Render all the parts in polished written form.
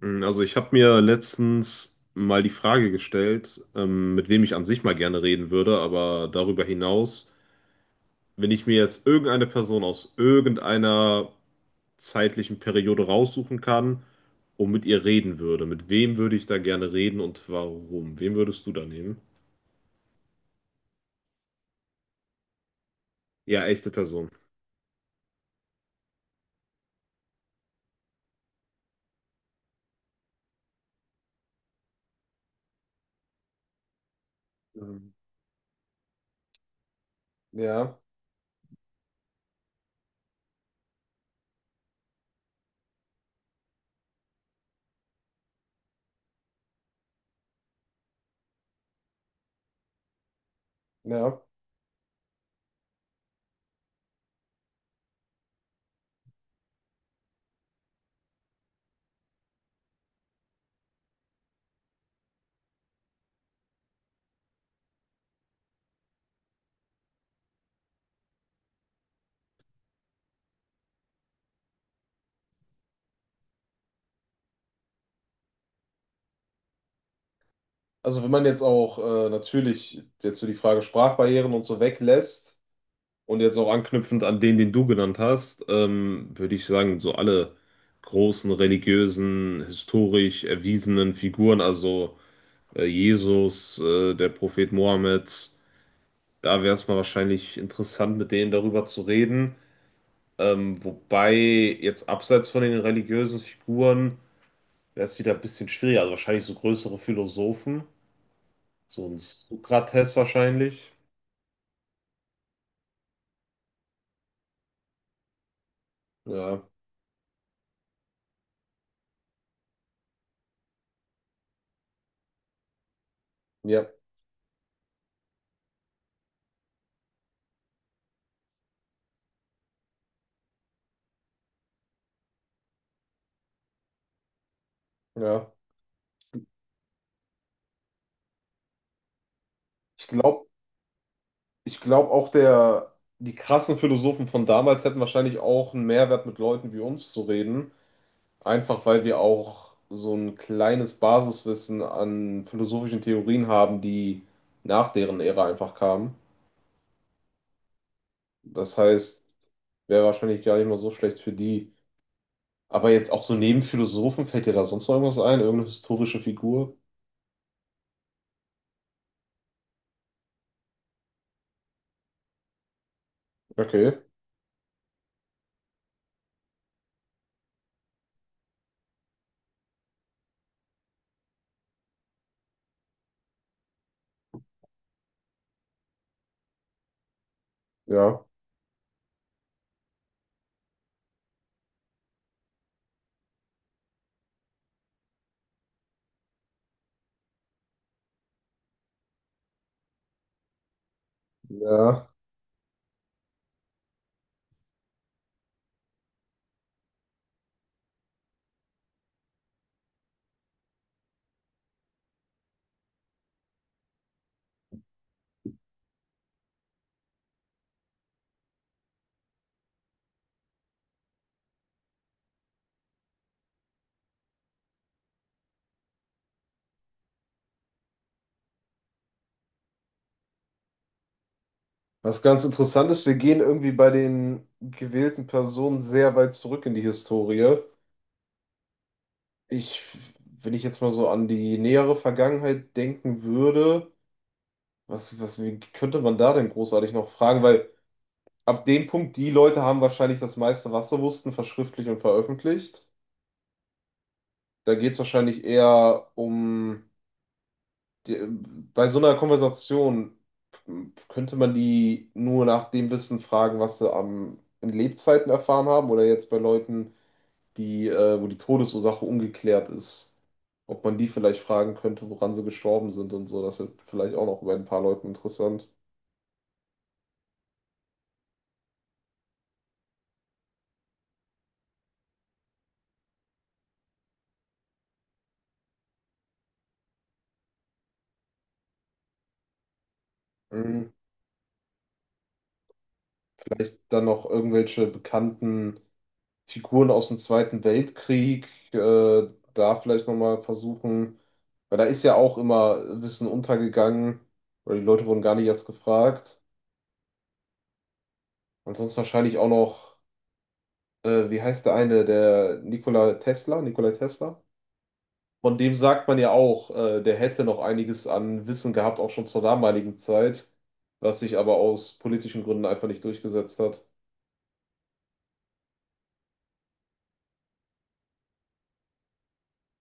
Also ich habe mir letztens mal die Frage gestellt, mit wem ich an sich mal gerne reden würde, aber darüber hinaus, wenn ich mir jetzt irgendeine Person aus irgendeiner zeitlichen Periode raussuchen kann und mit ihr reden würde, mit wem würde ich da gerne reden und warum? Wen würdest du da nehmen? Ja, echte Person. Mhm. Ja, ja. Also wenn man jetzt auch natürlich jetzt für die Frage Sprachbarrieren und so weglässt, und jetzt auch anknüpfend an den du genannt hast, würde ich sagen, so alle großen religiösen, historisch erwiesenen Figuren, also Jesus, der Prophet Mohammed, da wäre es mal wahrscheinlich interessant, mit denen darüber zu reden. Wobei jetzt abseits von den religiösen Figuren wäre es wieder ein bisschen schwieriger, also wahrscheinlich so größere Philosophen, so ein Sokrates wahrscheinlich. Ja, ja, ja. Ich glaube, ich glaube auch der, die krassen Philosophen von damals hätten wahrscheinlich auch einen Mehrwert mit Leuten wie uns zu reden, einfach weil wir auch so ein kleines Basiswissen an philosophischen Theorien haben, die nach deren Ära einfach kamen. Das heißt, wäre wahrscheinlich gar nicht mal so schlecht für die. Aber jetzt auch so neben Philosophen, fällt dir da sonst noch irgendwas ein? Irgendeine historische Figur? Okay, ja. Ja. Was ganz interessant ist, wir gehen irgendwie bei den gewählten Personen sehr weit zurück in die Historie. Ich, wenn ich jetzt mal so an die nähere Vergangenheit denken würde, wie könnte man da denn großartig noch fragen? Weil ab dem Punkt, die Leute haben wahrscheinlich das meiste, was sie wussten, verschriftlicht und veröffentlicht. Da geht es wahrscheinlich eher um, die, bei so einer Konversation könnte man die nur nach dem Wissen fragen, was sie in Lebzeiten erfahren haben oder jetzt bei Leuten, die, wo die Todesursache ungeklärt ist. Ob man die vielleicht fragen könnte, woran sie gestorben sind und so. Das wird vielleicht auch noch bei ein paar Leuten interessant. Mhm. Vielleicht dann noch irgendwelche bekannten Figuren aus dem Zweiten Weltkrieg, da vielleicht nochmal versuchen, weil da ist ja auch immer Wissen untergegangen oder die Leute wurden gar nicht erst gefragt. Und sonst wahrscheinlich auch noch, wie heißt der eine, der Nikola Tesla, Nikola Tesla? Von dem sagt man ja auch, der hätte noch einiges an Wissen gehabt, auch schon zur damaligen Zeit, was sich aber aus politischen Gründen einfach nicht durchgesetzt hat.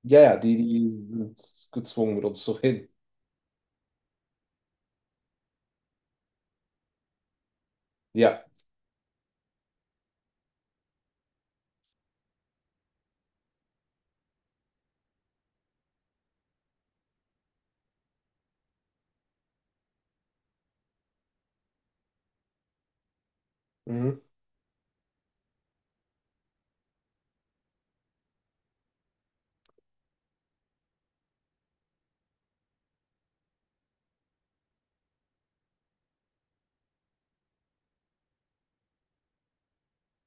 Ja, ja, die, die sind gezwungen, mit uns zu reden. Ja. Mhm.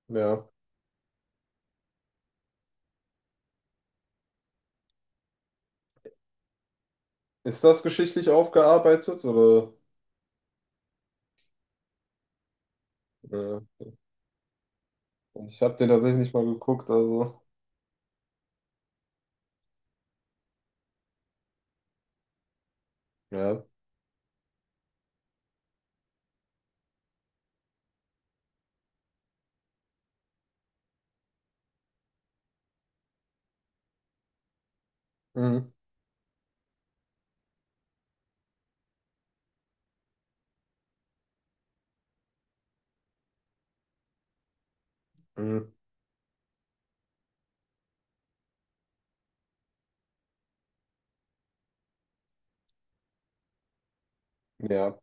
Ja. Ist das geschichtlich aufgearbeitet oder? Ja. Ich habe den tatsächlich nicht mal geguckt, also. Ja. Mhm. Mhm. Ja.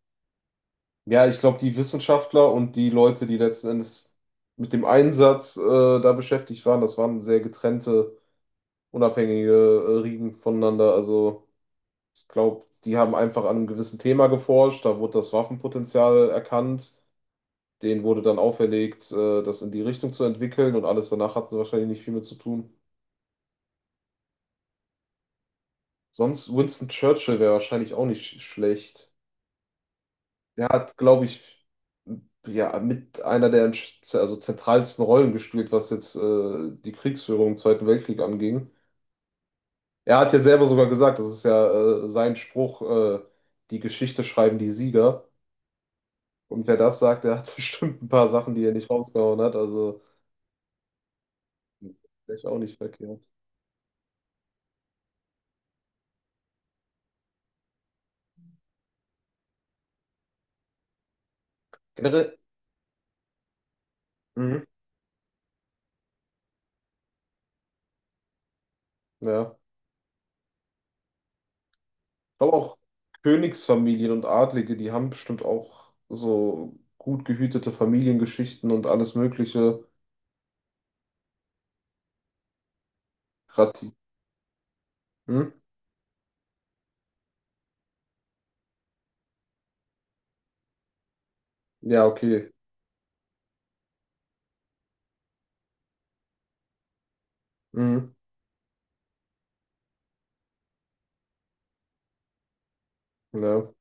Ja, ich glaube, die Wissenschaftler und die Leute, die letzten Endes mit dem Einsatz da beschäftigt waren, das waren sehr getrennte unabhängige Riegen voneinander. Also ich glaube, die haben einfach an einem gewissen Thema geforscht, da wurde das Waffenpotenzial erkannt, denen wurde dann auferlegt, das in die Richtung zu entwickeln und alles danach hatten sie wahrscheinlich nicht viel mit zu tun. Sonst Winston Churchill wäre wahrscheinlich auch nicht schlecht. Der hat, glaube ich, ja, mit einer der also zentralsten Rollen gespielt, was jetzt die Kriegsführung im Zweiten Weltkrieg anging. Er hat ja selber sogar gesagt, das ist ja sein Spruch, die Geschichte schreiben die Sieger. Und wer das sagt, der hat bestimmt ein paar Sachen, die er nicht rausgehauen hat. Also vielleicht auch nicht verkehrt. Generell, mhm, ja. Ich glaube auch Königsfamilien und Adlige, die haben bestimmt auch so gut gehütete Familiengeschichten und alles Mögliche. Grad, hm? Ja, okay. Mhm, ja.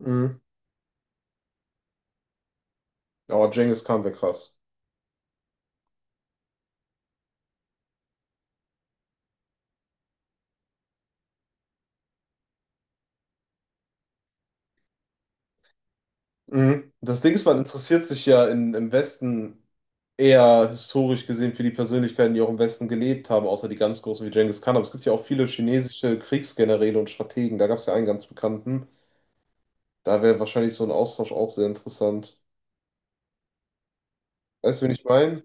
Mhm. Aber Genghis Khan wäre krass. Mhm. Das Ding ist, man interessiert sich ja in, im Westen eher historisch gesehen für die Persönlichkeiten, die auch im Westen gelebt haben, außer die ganz großen wie Genghis Khan. Aber es gibt ja auch viele chinesische Kriegsgeneräle und Strategen. Da gab es ja einen ganz bekannten. Da wäre wahrscheinlich so ein Austausch auch sehr interessant. Weißt du, wen ich meine?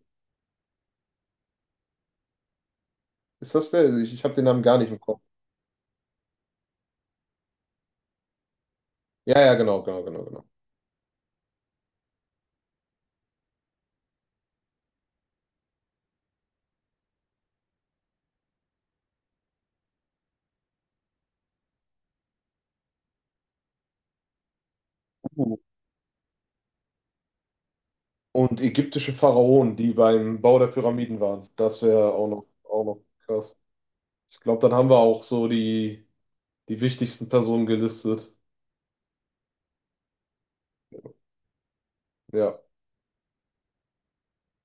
Ist das der? Ich habe den Namen gar nicht im Kopf. Ja, ja, genau, genau, genau, genau. Uh. Und ägyptische Pharaonen, die beim Bau der Pyramiden waren. Das wäre auch noch krass. Ich glaube, dann haben wir auch so die, die wichtigsten Personen gelistet. Ja.